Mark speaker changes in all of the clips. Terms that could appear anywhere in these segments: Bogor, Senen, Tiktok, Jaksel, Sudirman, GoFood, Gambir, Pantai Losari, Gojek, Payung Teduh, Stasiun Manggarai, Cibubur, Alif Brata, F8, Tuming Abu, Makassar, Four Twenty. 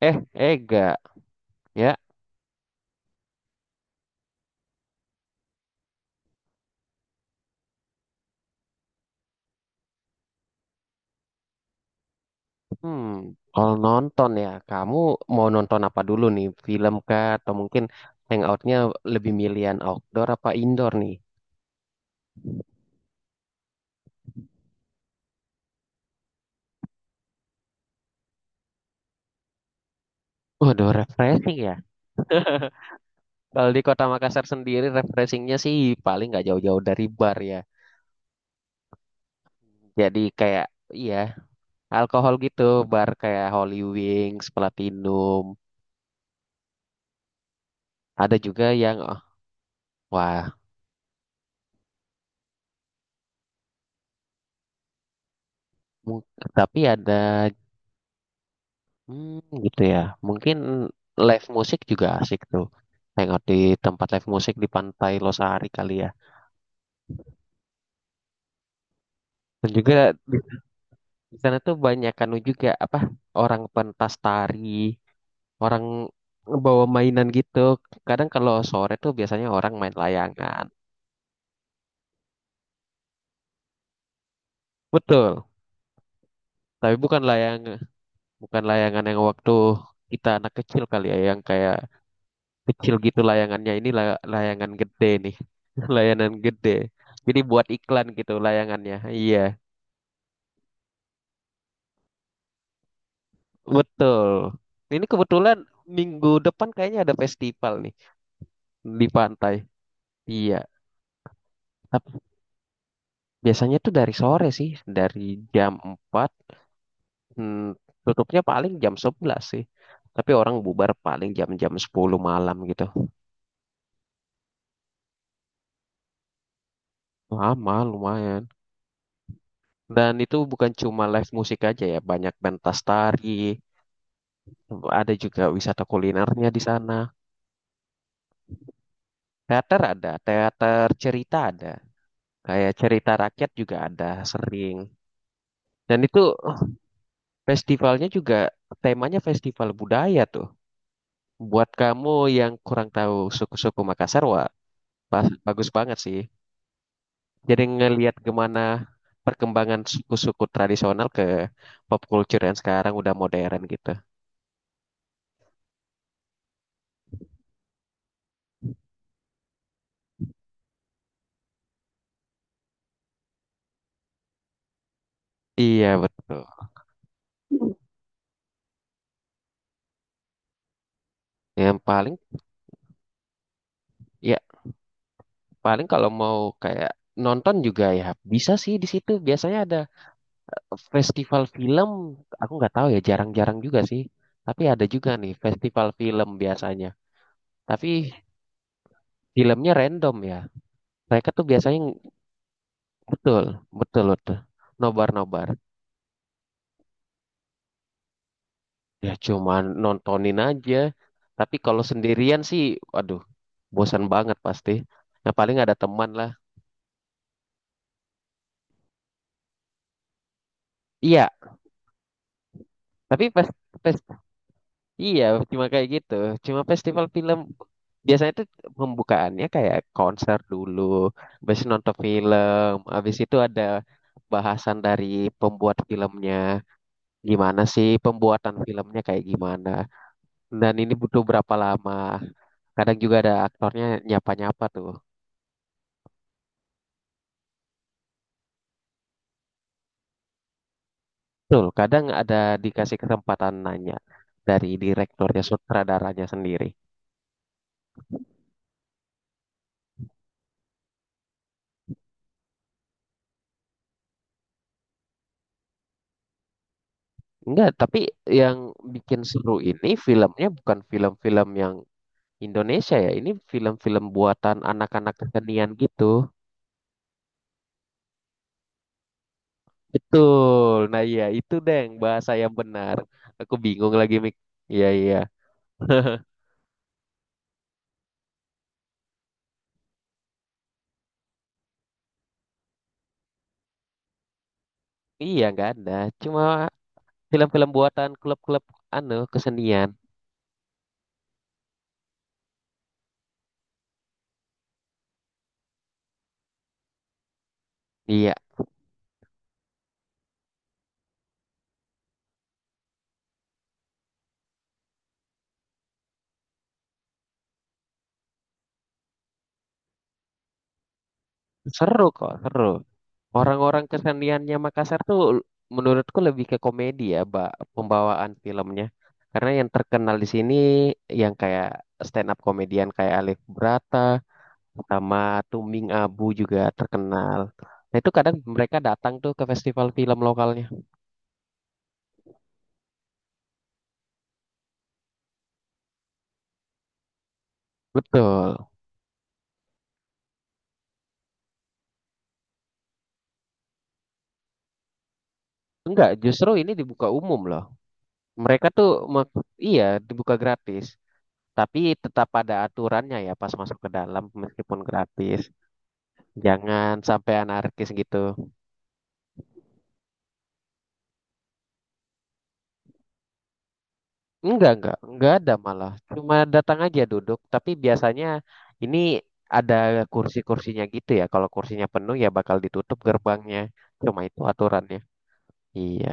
Speaker 1: Eh, Ega, ya. Hmm, Kalau nonton ya, kamu mau nonton apa dulu nih? Film kah? Atau mungkin hangoutnya lebih milihan outdoor apa indoor nih? Waduh, refreshing ya. Kalau di kota Makassar sendiri, refreshingnya sih paling nggak jauh-jauh dari bar ya. Jadi kayak, iya, alkohol gitu. Bar kayak Holy Wings, Platinum. Ada juga yang, oh, wah, mung- tapi ada. Hmm, gitu ya. Mungkin live musik juga asik tuh. Hangout di tempat live musik di Pantai Losari kali ya. Dan juga di di sana tuh banyak anu juga apa orang pentas tari, orang bawa mainan gitu. Kadang kalau sore tuh biasanya orang main layangan. Betul. Tapi bukan layangan, bukan layangan yang waktu kita anak kecil kali ya, yang kayak kecil gitu layangannya ini layangan gede nih. Layanan gede, jadi buat iklan gitu layangannya, iya betul. Ini kebetulan minggu depan kayaknya ada festival nih di pantai, iya. Tapi biasanya tuh dari sore sih, dari jam 4, hmm, tutupnya paling jam 11 sih, tapi orang bubar paling jam-jam 10 malam gitu, lama lumayan. Dan itu bukan cuma live musik aja ya, banyak pentas tari. Ada juga wisata kulinernya di sana. Teater ada, teater cerita ada. Kayak cerita rakyat juga ada sering. Dan itu eh, festivalnya juga temanya festival budaya tuh. Buat kamu yang kurang tahu suku-suku Makassar, wah, bagus banget sih. Jadi ngelihat gimana perkembangan suku-suku tradisional ke pop culture yang sekarang udah modern gitu. Iya, betul. Yang paling ya Paling kalau mau kayak nonton juga ya bisa sih di situ. Biasanya ada festival film. Aku nggak tahu ya, jarang-jarang juga sih. Tapi ada juga nih festival film biasanya. Tapi filmnya random ya. Mereka tuh biasanya. Betul, betul tuh. Nobar-nobar. Ya cuman nontonin aja. Tapi kalau sendirian sih, waduh, bosan banget pasti. Nah paling ada teman lah. Iya, tapi festival. Iya, cuma kayak gitu. Cuma festival film biasanya tuh pembukaannya kayak konser dulu, habis itu nonton film, habis itu ada bahasan dari pembuat filmnya, gimana sih pembuatan filmnya kayak gimana. Dan ini butuh berapa lama. Kadang juga ada aktornya nyapa-nyapa tuh. Betul, kadang ada dikasih kesempatan nanya dari direkturnya, sutradaranya sendiri. Enggak, tapi yang bikin seru ini filmnya bukan film-film yang Indonesia ya, ini film-film buatan anak-anak kesenian gitu. Betul. Nah, iya itu deng bahasa yang benar. Aku bingung lagi mik. Iya, iya. Iya, nggak ada. Cuma film-film buatan klub-klub anu kesenian. Iya, seru kok, seru. Orang-orang keseniannya Makassar tuh menurutku lebih ke komedi ya, Mbak, pembawaan filmnya. Karena yang terkenal di sini yang kayak stand up komedian kayak Alif Brata, sama Tuming Abu juga terkenal. Nah itu kadang mereka datang tuh ke festival film lokalnya. Betul. Enggak, justru ini dibuka umum loh. Mereka tuh me- iya dibuka gratis, tapi tetap ada aturannya ya pas masuk ke dalam meskipun gratis. Jangan sampai anarkis gitu. Enggak ada malah. Cuma datang aja duduk, tapi biasanya ini ada kursi-kursinya gitu ya. Kalau kursinya penuh ya bakal ditutup gerbangnya. Cuma itu aturannya. Iya.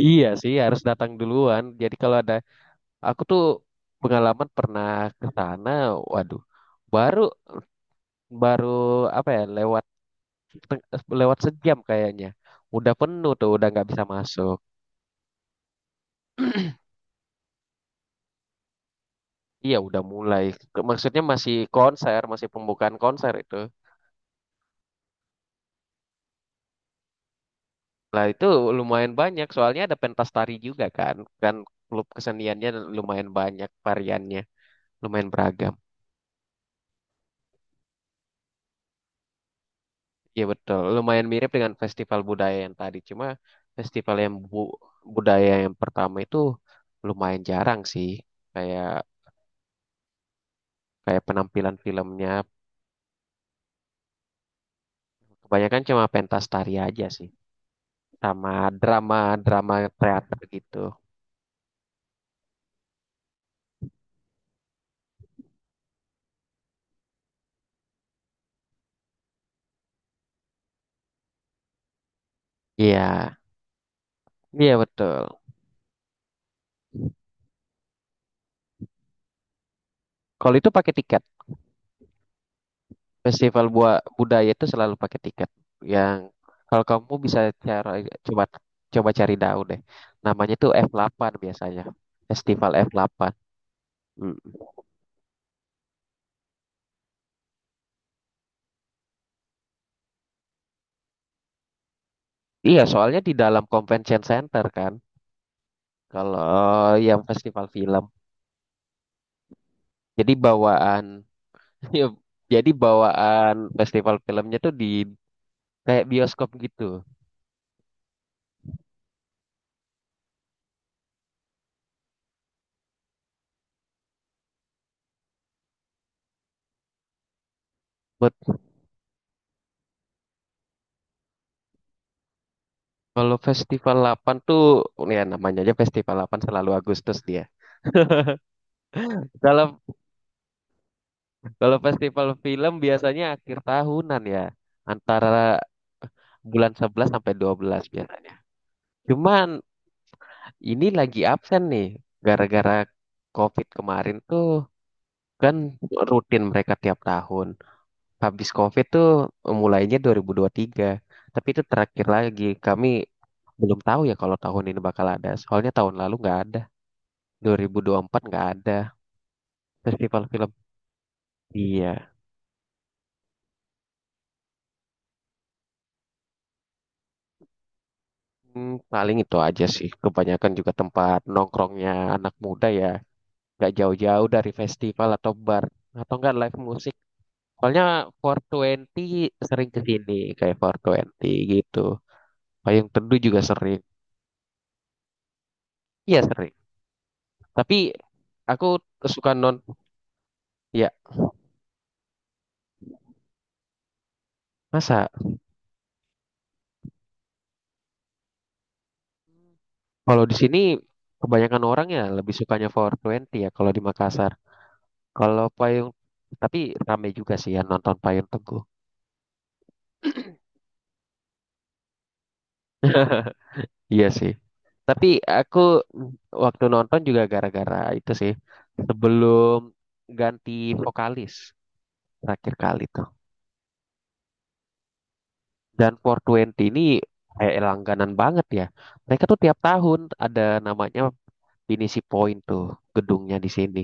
Speaker 1: Iya sih harus datang duluan. Jadi kalau ada aku tuh pengalaman pernah ke sana, waduh, baru baru apa ya, lewat teng- lewat sejam kayaknya. Udah penuh tuh, udah nggak bisa masuk. Iya udah mulai. Maksudnya masih konser, masih pembukaan konser itu. Lah itu lumayan banyak soalnya ada pentas tari juga kan. Kan klub keseniannya lumayan banyak variannya, lumayan beragam. Iya betul, lumayan mirip dengan festival budaya yang tadi. Cuma festival yang budaya yang pertama itu lumayan jarang sih. Kayak kayak penampilan filmnya kebanyakan cuma pentas tari aja sih, sama drama-drama teater gitu. Iya, iya betul. Kalau itu pakai tiket, festival buat budaya itu selalu pakai tiket. Yang kalau kamu bisa cara coba coba cari tahu deh, namanya tuh F8 biasanya, festival F8. Iya, soalnya di dalam convention center kan, kalau yang festival film. Jadi bawaan, ya, jadi bawaan festival filmnya tuh di kayak bioskop gitu. Buat kalau festival 8 tuh, ya namanya aja festival 8 selalu Agustus dia. Kalau kalau festival film biasanya akhir tahunan ya, antara bulan 11 sampai 12 biasanya. Cuman ini lagi absen nih, gara-gara COVID kemarin tuh, kan rutin mereka tiap tahun. Habis COVID tuh mulainya dua ribu tiga, tapi itu terakhir lagi. Kami belum tahu ya kalau tahun ini bakal ada. Soalnya tahun lalu nggak ada, dua ribu empat nggak ada festival film. Iya. Paling itu aja sih. Kebanyakan juga tempat nongkrongnya anak muda ya, nggak jauh-jauh dari festival atau bar atau nggak live musik. Soalnya Four Twenty sering ke sini, kayak Four Twenty gitu. Payung Teduh juga sering. Iya sering. Tapi aku suka ya masa kalau di sini kebanyakan orang ya lebih sukanya Four Twenty ya kalau di Makassar. Kalau payung tapi ramai juga sih ya nonton payung teduh. Iya sih. Tapi aku waktu nonton juga gara-gara itu sih sebelum ganti vokalis terakhir kali tuh. Dan Four Twenty ini kayak langganan banget ya. Mereka tuh tiap tahun ada namanya finisi point tuh gedungnya di sini.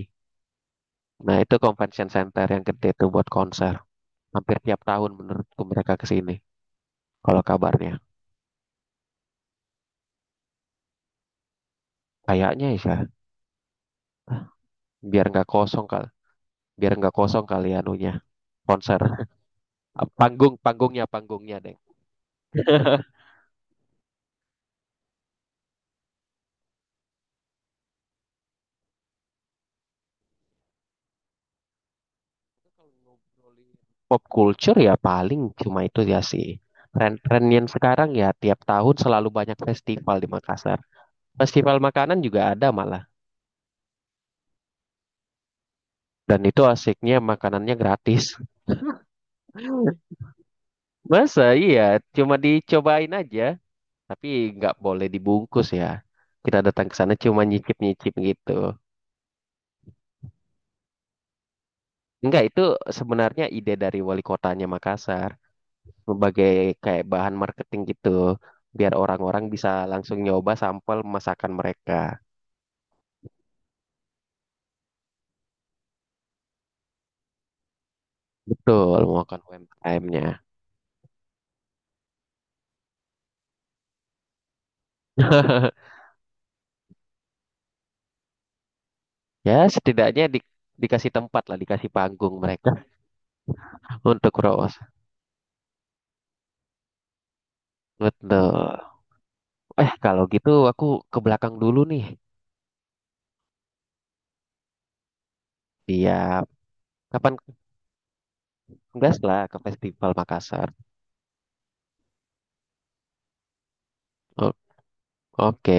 Speaker 1: Nah, itu convention center yang gede tuh buat konser. Hampir tiap tahun menurutku mereka ke sini. Kalau kabarnya. Kayaknya ya, biar nggak kosong kali. Biar nggak kosong kali ya anunya. Konser. Ah, panggung, panggungnya, panggungnya, Deng. Pop culture ya paling cuma itu ya sih. Tren-tren yang sekarang ya tiap tahun selalu banyak festival di Makassar. Festival makanan juga ada malah. Dan itu asiknya makanannya gratis. Masa iya, cuma dicobain aja. Tapi nggak boleh dibungkus ya. Kita datang ke sana cuma nyicip-nyicip gitu. Enggak, itu sebenarnya ide dari wali kotanya Makassar. Sebagai kayak bahan marketing gitu. Biar orang-orang bisa langsung nyoba sampel masakan mereka. Betul, melakukan UMKM-nya. Ya, setidaknya dikasih tempat lah, dikasih panggung mereka untuk roast. Betul. Eh, kalau gitu aku ke belakang dulu nih. Siap. Kapan gas lah ke Festival Makassar. Oke,